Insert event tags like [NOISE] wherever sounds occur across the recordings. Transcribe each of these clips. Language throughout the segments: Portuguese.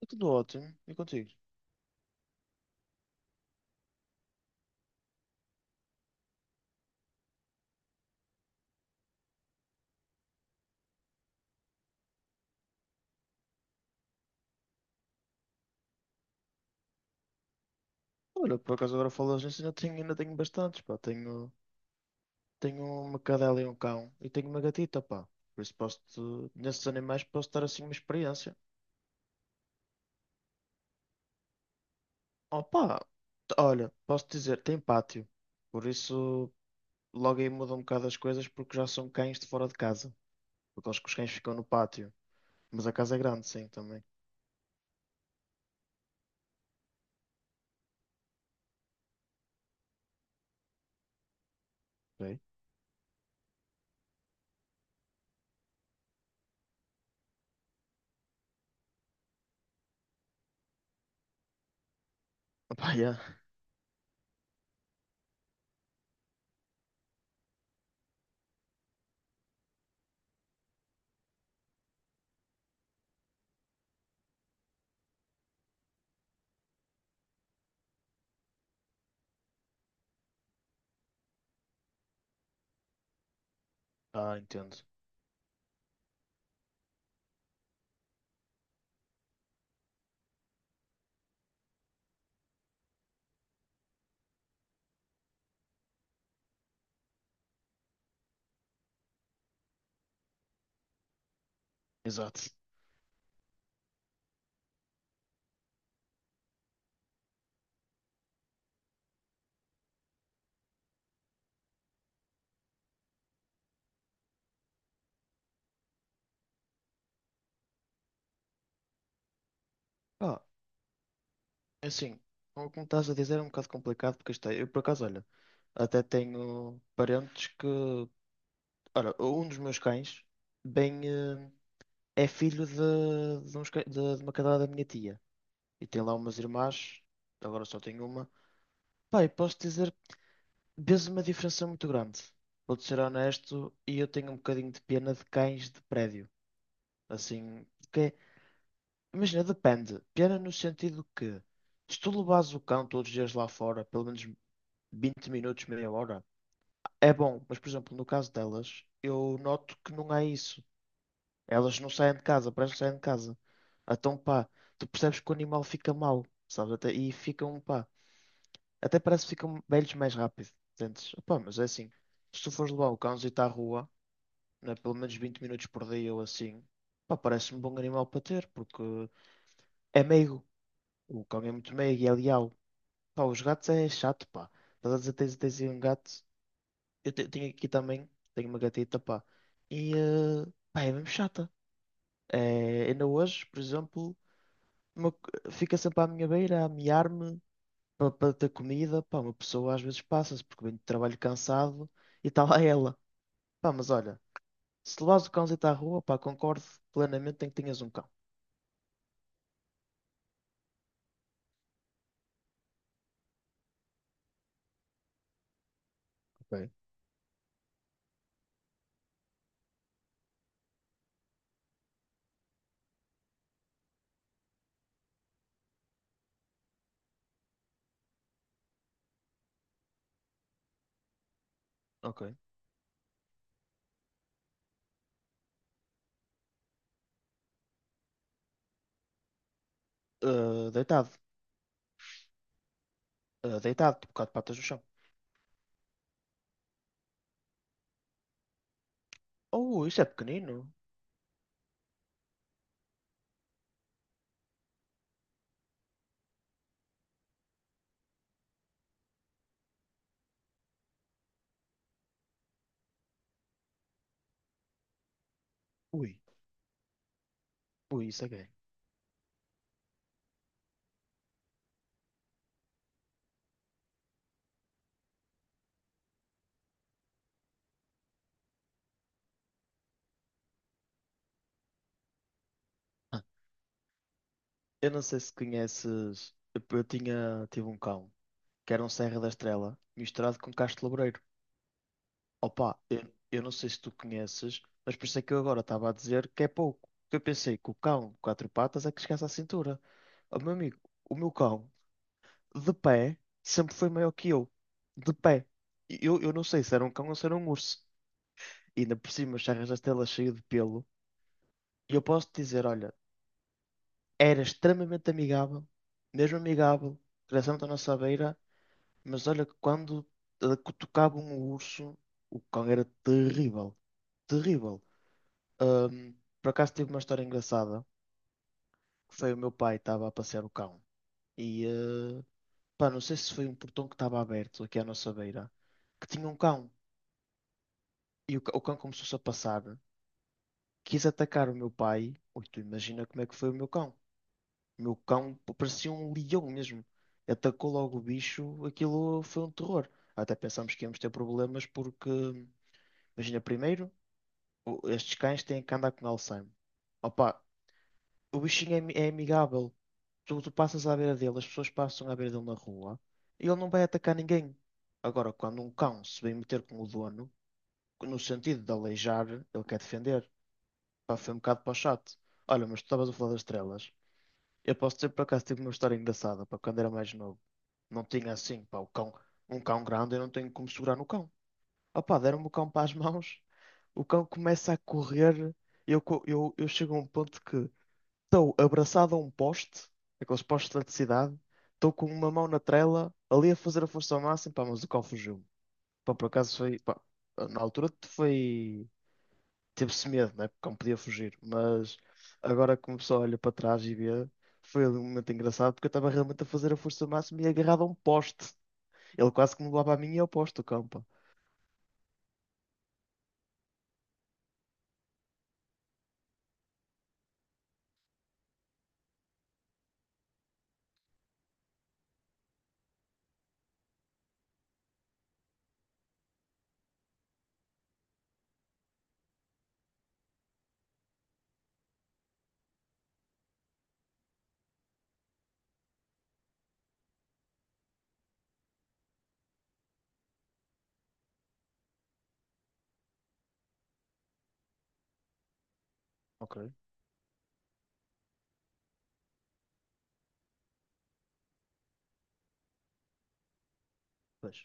Está tudo ótimo. E contigo? Olha, por acaso agora falas nisso, ainda tenho bastantes, pá. Tenho uma cadela e um cão. E tenho uma gatita, pá. Por isso posso-te, nesses animais posso dar assim uma experiência. Oh, pá. Olha, posso dizer, tem pátio. Por isso logo aí muda um bocado as coisas porque já são cães de fora de casa. Porque acho que os cães ficam no pátio. Mas a casa é grande, sim, também. Ok. [LAUGHS] Pá, yeah. Ah, entendo. Exato. Ah, É assim, como estás a dizer, é um bocado complicado porque isto é, eu por acaso, olha, até tenho parentes que. Ora, um dos meus cães bem, é filho de uns de uma cadela da minha tia. E tem lá umas irmãs, agora só tenho uma. Pá, e posso dizer, vês uma diferença muito grande. Vou-te ser honesto, e eu tenho um bocadinho de pena de cães de prédio. Assim, porque, imagina, depende. Pena no sentido que, se tu levas o cão todos os dias lá fora, pelo menos 20 minutos, meia hora. É bom, mas por exemplo, no caso delas, eu noto que não é isso. Elas não saem de casa, parece que saem de casa. Então, pá, tu percebes que o animal fica mal, sabes? Até, e ficam, pá, até parece que ficam velhos mais rápido. Entendes? Pá, mas é assim, se tu fores levar o cãozinho à rua, né, pelo menos 20 minutos por dia ou assim, pá, parece-me um bom animal para ter, porque é meigo. O cão é muito meigo e é leal. Pá, os gatos é chato, pá. Estás a dizer, tens aí um gato, tenho aqui também, tenho uma gatita, pá. E, pá, é mesmo chata. É, ainda hoje, por exemplo, fica sempre à minha beira a miar-me para ter comida. Pá, uma pessoa às vezes passa-se porque vem de trabalho cansado e está lá ela. Pá, mas olha, se levas o cãozito à rua, pá, concordo plenamente em que tenhas um cão. Ok. Ok. Eh, deitado. Eh, deitado, tipo, quatro patas no chão. Oh, isso é pequenino. Ui, ui, isso é gay. Ah. Eu não sei se conheces. Eu tinha, tive um cão. Que era um Serra da Estrela misturado com casto laboreiro. Opa, eu não sei se tu conheces, mas por isso é que eu agora estava a dizer que é pouco. Eu pensei que o cão de quatro patas é que chegasse à cintura. Oh, meu amigo, o meu cão, de pé, sempre foi maior que eu. De pé. E eu não sei se era um cão ou se era um urso. E ainda por cima, os Serras da Estrela cheio de pelo. E eu posso te dizer, olha, era extremamente amigável, mesmo amigável, crescendo à nossa beira. Mas olha que quando cutucavam o urso, o cão era terrível, terrível. Ahm, por acaso tive uma história engraçada, que foi o meu pai estava a passear o cão. E pá, não sei se foi um portão que estava aberto aqui à nossa beira, que tinha um cão. E o cão começou-se a passar, quis atacar o meu pai. Ui, tu imagina como é que foi o meu cão. O meu cão parecia um leão mesmo. Atacou logo o bicho, aquilo foi um terror. Até pensámos que íamos ter problemas porque, imagina, primeiro. Estes cães têm que andar com Alzheimer. Opa, o bichinho é amigável. Tu passas à beira dele, as pessoas passam à beira dele na rua e ele não vai atacar ninguém. Agora, quando um cão se vem meter com o dono, no sentido de aleijar, ele quer defender. Pá, foi um bocado para o chato. Olha, mas tu estavas a falar das estrelas. Eu posso dizer por acaso tive uma história engraçada para quando era mais novo. Não tinha assim, pá, o cão, um cão grande, eu não tenho como segurar no cão. Opa, deram-me o cão para as mãos, o cão começa a correr, eu chego a um ponto que estou abraçado a um poste, aqueles postes de eletricidade, estou com uma mão na trela, ali a fazer a força ao máximo, pá, mas o cão fugiu. Pá, na altura foi, teve-se medo, né, porque o cão podia fugir, mas agora que uma pessoa olha para trás e vê, foi ali um momento engraçado, porque eu estava realmente a fazer a força ao máximo e agarrado a um poste. Ele quase que me levava a mim e ao poste, o cão, pá. Ok, pois.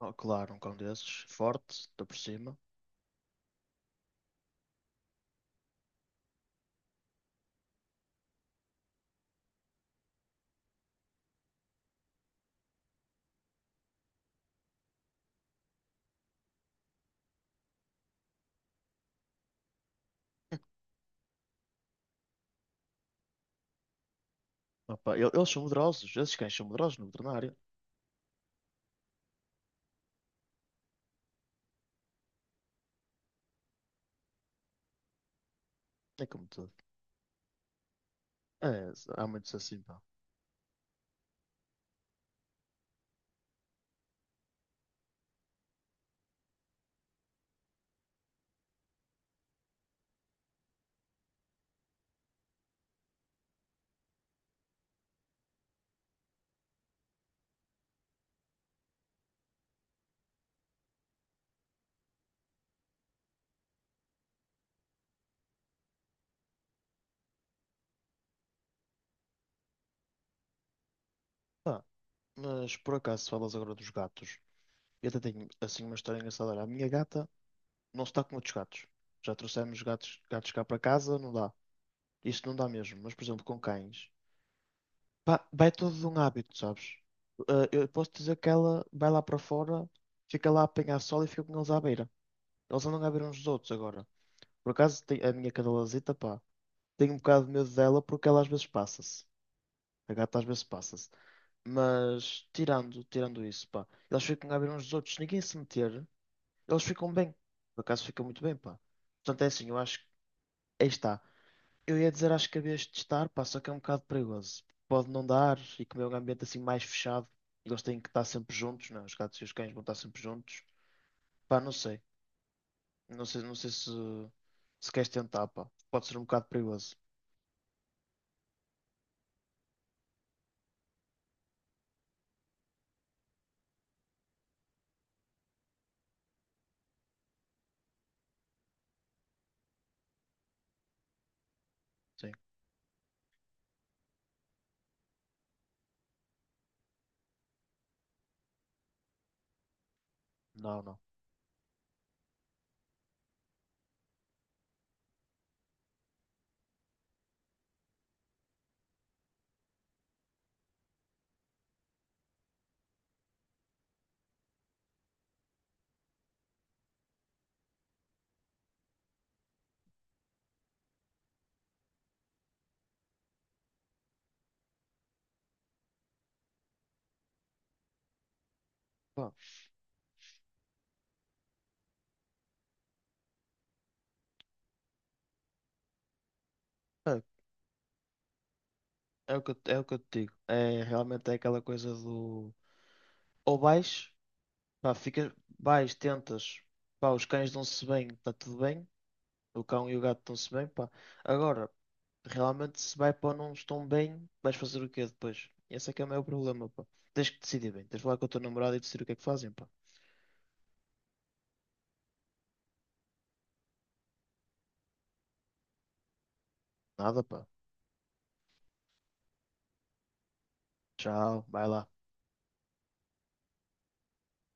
Oh, claro, um cão desses, forte, está por cima. Opa, eles são medrosos, esses cães são medrosos no veterinário. É como tudo. É, há muitos assim, pá. Pá, mas por acaso falas agora dos gatos. Eu até tenho assim uma história engraçada. Olha, a minha gata não está com outros gatos. Já trouxemos gatos, gatos cá para casa, não dá. Isto não dá mesmo. Mas, por exemplo, com cães. Pá, vai todo de um hábito, sabes? Ah, eu posso dizer que ela vai lá para fora, fica lá a apanhar sol e fica com eles à beira. Eles andam à beira uns dos outros agora. Por acaso, a minha cadelazita, pá, tenho um bocado de medo dela porque ela às vezes passa-se. A gata às vezes passa-se. Mas tirando isso, pá, eles ficam a ver uns dos outros, ninguém se meter, eles ficam bem. Por acaso ficam muito bem, pá. Portanto, é assim, eu acho que aí está. Eu ia dizer, acho que havias de estar pá, só que é um bocado perigoso. Pode não dar e como é um ambiente assim mais fechado, eles têm que estar sempre juntos, não é? Os gatos e os cães vão estar sempre juntos. Pá, não sei. Não sei se, se queres tentar, pá. Pode ser um bocado perigoso. Sim. Não, não. Bom, é, é o que eu te digo. É realmente é aquela coisa do. Ou vais, pá, fica, vais, tentas, pá, os cães dão-se bem, está tudo bem, o cão e o gato dão-se bem, pá. Agora, realmente se vai para não estão bem, vais fazer o quê depois? Esse é que é o meu problema, pá. Tens que decidir bem, tens de falar com o teu namorado e decidir o que é que fazem, pá. Nada, pá. Tchau, vai lá.